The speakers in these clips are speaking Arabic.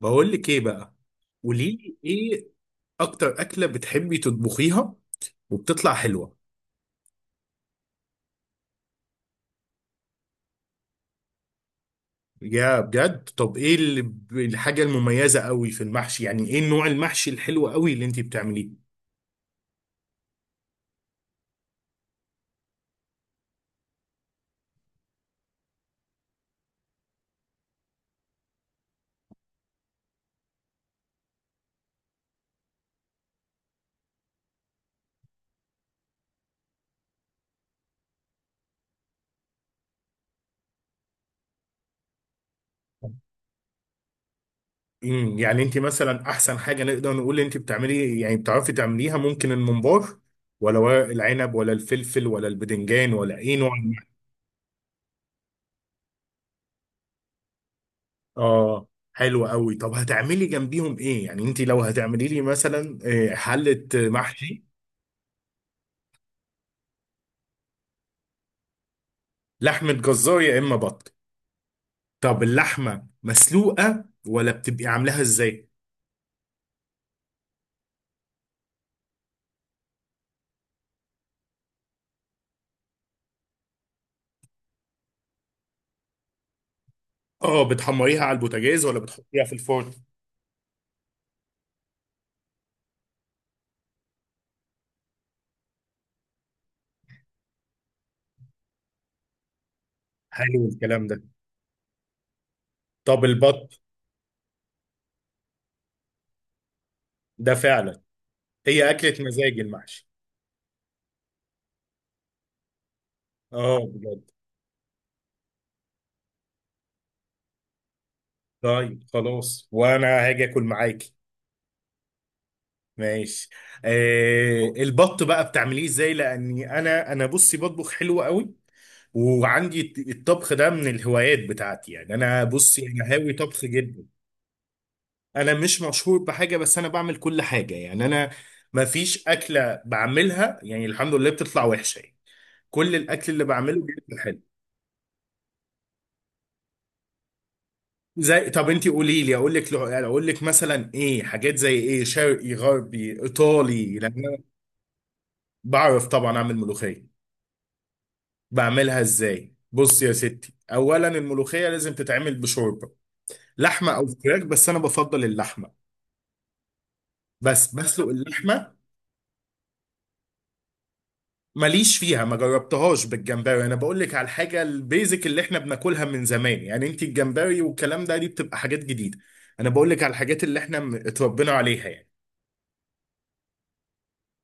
بقول لك ايه بقى. قولي لي ايه. اكتر اكله بتحبي تطبخيها وبتطلع حلوه؟ يا بجد. طب ايه اللي الحاجه المميزه قوي في المحشي؟ يعني ايه نوع المحشي الحلو قوي اللي انت بتعمليه؟ يعني انت مثلا احسن حاجه نقدر نقول انت بتعملي، يعني بتعرفي تعمليها، ممكن الممبار ولا ورق العنب ولا الفلفل ولا البدنجان ولا ايه نوع المحشي؟ اه، حلو قوي. طب هتعملي جنبيهم ايه؟ يعني انت لو هتعملي لي مثلا حله محشي؟ لحمة جزار يا إما بط. طب اللحمة مسلوقة ولا بتبقي عاملاها إزاي؟ آه، بتحمريها على البوتاجاز ولا بتحطيها في الفرن؟ حلو الكلام ده. طب البط؟ ده فعلا. هي أكلة مزاج المحشي. آه، بجد. طيب خلاص، وأنا هاجي آكل معاكي. ماشي. آه، البط بقى بتعمليه إزاي؟ لأني أنا بصي بطبخ حلو قوي، وعندي الطبخ ده من الهوايات بتاعتي. يعني أنا بصي أنا هاوي طبخ جدا. انا مش مشهور بحاجه، بس انا بعمل كل حاجه. يعني انا ما فيش اكله بعملها يعني الحمد لله بتطلع وحشه يعني. كل الاكل اللي بعمله بيطلع حلو. زي، طب انت قولي لي اقول لك، اقول لك مثلا ايه، حاجات زي ايه؟ شرقي، غربي، ايطالي؟ لان انا بعرف طبعا اعمل ملوخيه. بعملها ازاي؟ بص يا ستي، اولا الملوخيه لازم تتعمل بشوربه لحمه او فراخ، بس انا بفضل اللحمه. بس بسلق اللحمه. ماليش فيها، ما جربتهاش بالجمبري. انا بقول لك على الحاجه البيزك اللي احنا بناكلها من زمان يعني. انت الجمبري والكلام ده دي بتبقى حاجات جديده. انا بقول لك على الحاجات اللي احنا اتربينا عليها يعني.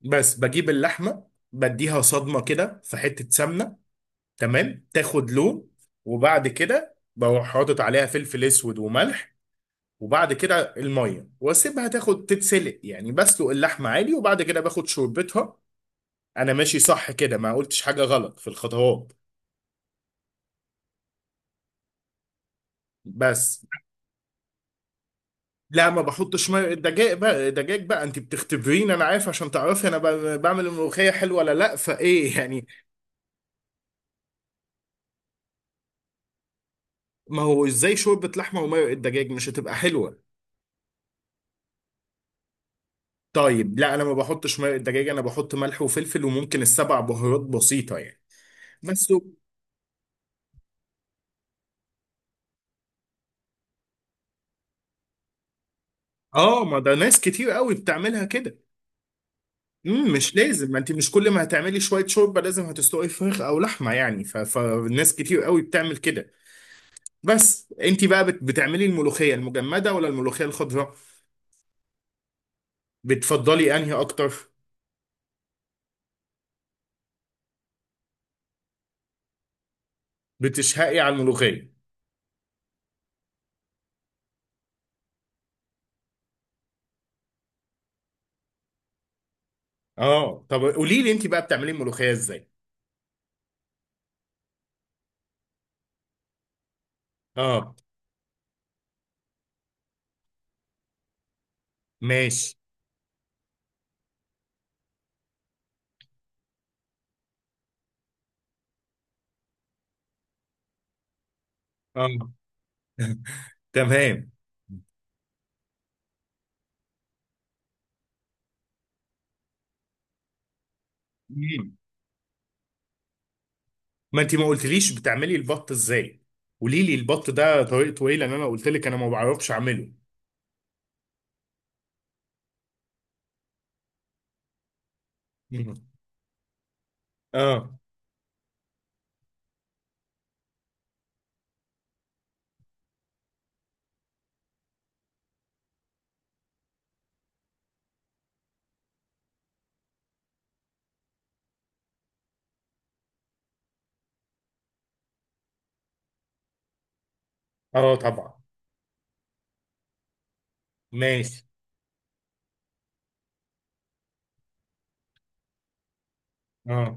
بس بجيب اللحمه، بديها صدمه كده في حته سمنه، تمام، تاخد لون. وبعد كده بروح حاطط عليها فلفل اسود وملح، وبعد كده الميه، واسيبها تاخد تتسلق يعني. بسلق اللحمه عادي، وبعد كده باخد شوربتها. انا ماشي صح كده؟ ما قلتش حاجه غلط في الخطوات؟ بس. لا، ما بحطش ميه دجاج بقى. دجاج بقى انت بتختبريني؟ انا عارف عشان تعرفي انا بعمل الملوخيه حلوه ولا لا، فايه يعني. ما هو ازاي شوربه لحمه ومرق الدجاج مش هتبقى حلوه. طيب لا، انا ما بحطش مرق الدجاج. انا بحط ملح وفلفل وممكن السبع بهارات بسيطه يعني. بس و- اه، ما ده ناس كتير قوي بتعملها كده. مش لازم. ما انت مش كل ما هتعملي شويه شوربه لازم هتسلقي فراخ او لحمه يعني. فالناس كتير قوي بتعمل كده. بس انت بقى بتعملي الملوخيه المجمده ولا الملوخيه الخضراء؟ بتفضلي انهي اكتر؟ بتشهقي على الملوخيه؟ اه، طب قولي لي انت بقى بتعملي الملوخيه ازاي. اه، ماشي. اه، تمام. مم. ما انت ما قلتليش بتعملي البط ازاي. قولي لي البط ده طريقته ايه، لان انا قلت لك انا ما بعرفش اعمله. مم. اه. اه طبعا. ماشي. اه.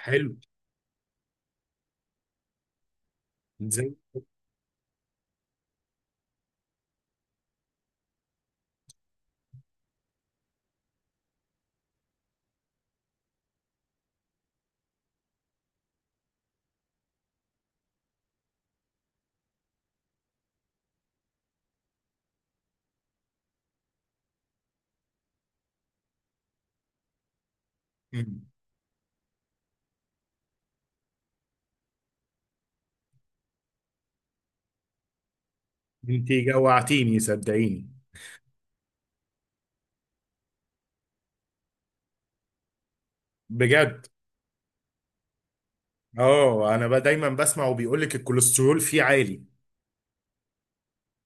حلو. ازاي؟ مم. انت جوعتيني صدقيني. بجد. اه، انا بقى دايما بسمع وبيقول لك الكوليسترول فيه عالي.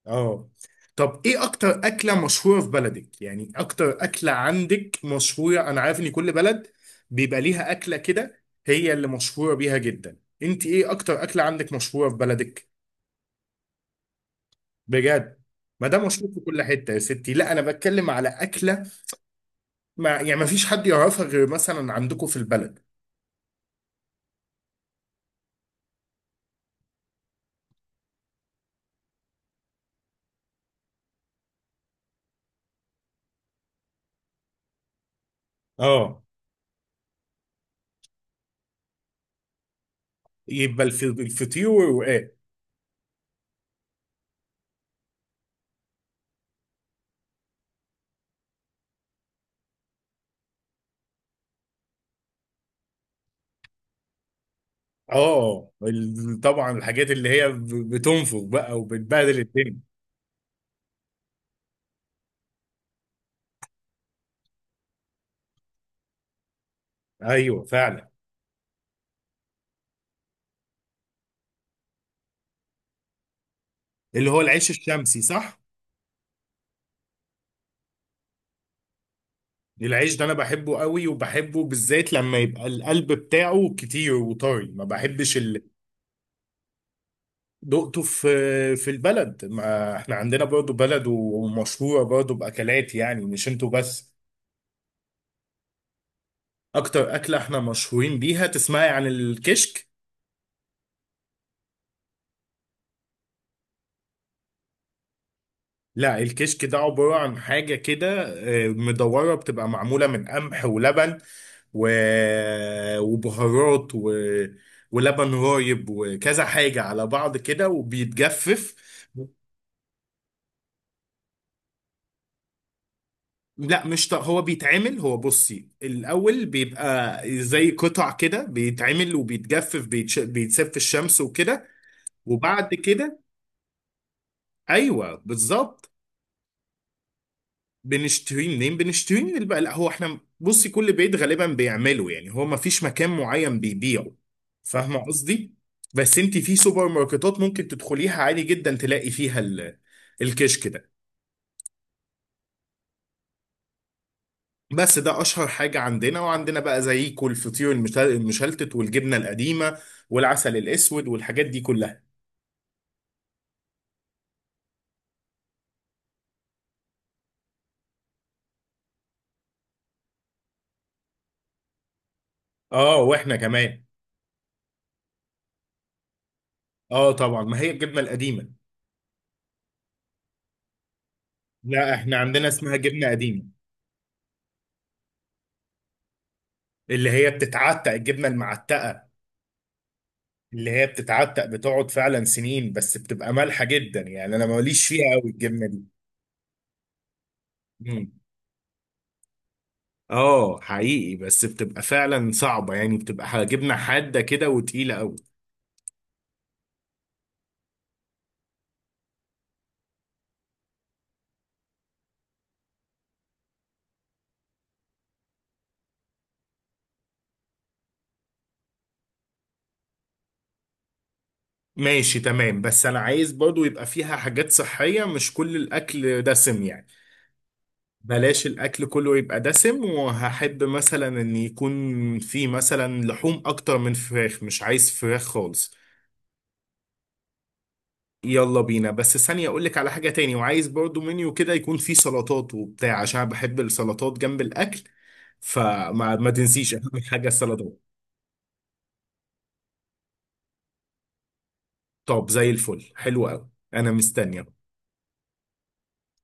اه. طب ايه اكتر اكله مشهوره في بلدك؟ يعني اكتر اكله عندك مشهوره. انا عارف ان كل بلد بيبقى ليها اكله كده هي اللي مشهوره بيها جدا. انت ايه اكتر اكله عندك مشهوره في بلدك؟ بجد؟ ما ده مشهور في كل حته يا ستي. لا، انا بتكلم على اكله، ما يعني ما فيش حد يعرفها غير مثلا عندكم في البلد. اه، يبقى الفطير والرقاق. اه، طبعا الحاجات اللي هي بتنفخ بقى وبتبهدل الدنيا. ايوه فعلا. اللي هو العيش الشمسي، صح؟ العيش ده انا بحبه قوي، وبحبه بالذات لما يبقى القلب بتاعه كتير وطري. ما بحبش اللي دقته في البلد. ما احنا عندنا برضو بلد ومشهورة برضو بأكلات، يعني مش انتوا بس. اكتر أكلة احنا مشهورين بيها، تسمعي عن الكشك؟ لا، الكشك ده عبارة عن حاجة كده مدورة، بتبقى معمولة من قمح ولبن، و... وبهارات و... ولبن رايب وكذا حاجة على بعض كده وبيتجفف. لا مش هو بيتعمل. هو بصي الأول بيبقى زي قطع كده، بيتعمل وبيتجفف، بيتساب في الشمس وكده. وبعد كده، أيوه بالظبط. بنشتريه منين؟ بنشتريه من البقاء. لا، هو احنا بصي كل بيت غالبا بيعمله يعني، هو ما فيش مكان معين بيبيعه، فاهمه قصدي. بس انت في سوبر ماركتات ممكن تدخليها عادي جدا تلاقي فيها الكشك ده. بس ده اشهر حاجه عندنا. وعندنا بقى زيكو الفطير المشلتت والجبنه القديمه والعسل الاسود والحاجات دي كلها. اه، واحنا كمان. اه طبعا، ما هي الجبنه القديمه. لا، احنا عندنا اسمها جبنه قديمه. اللي هي بتتعتق، الجبنه المعتقه. اللي هي بتتعتق بتقعد فعلا سنين، بس بتبقى مالحة جدا يعني، انا ماليش فيها قوي الجبنة دي. مم. اه حقيقي، بس بتبقى فعلا صعبة يعني، بتبقى جبنة حادة كده وتقيلة قوي. ماشي تمام، بس انا عايز برضو يبقى فيها حاجات صحية، مش كل الاكل دسم يعني. بلاش الاكل كله يبقى دسم، وهحب مثلا ان يكون فيه مثلا لحوم اكتر من فراخ، مش عايز فراخ خالص. يلا بينا. بس ثانية، اقول لك على حاجة تاني، وعايز برضو منيو كده يكون فيه سلطات وبتاع، عشان أنا بحب السلطات جنب الاكل. فما ما تنسيش اهم حاجة السلطات. طب زي الفل، حلو قوي، انا مستني.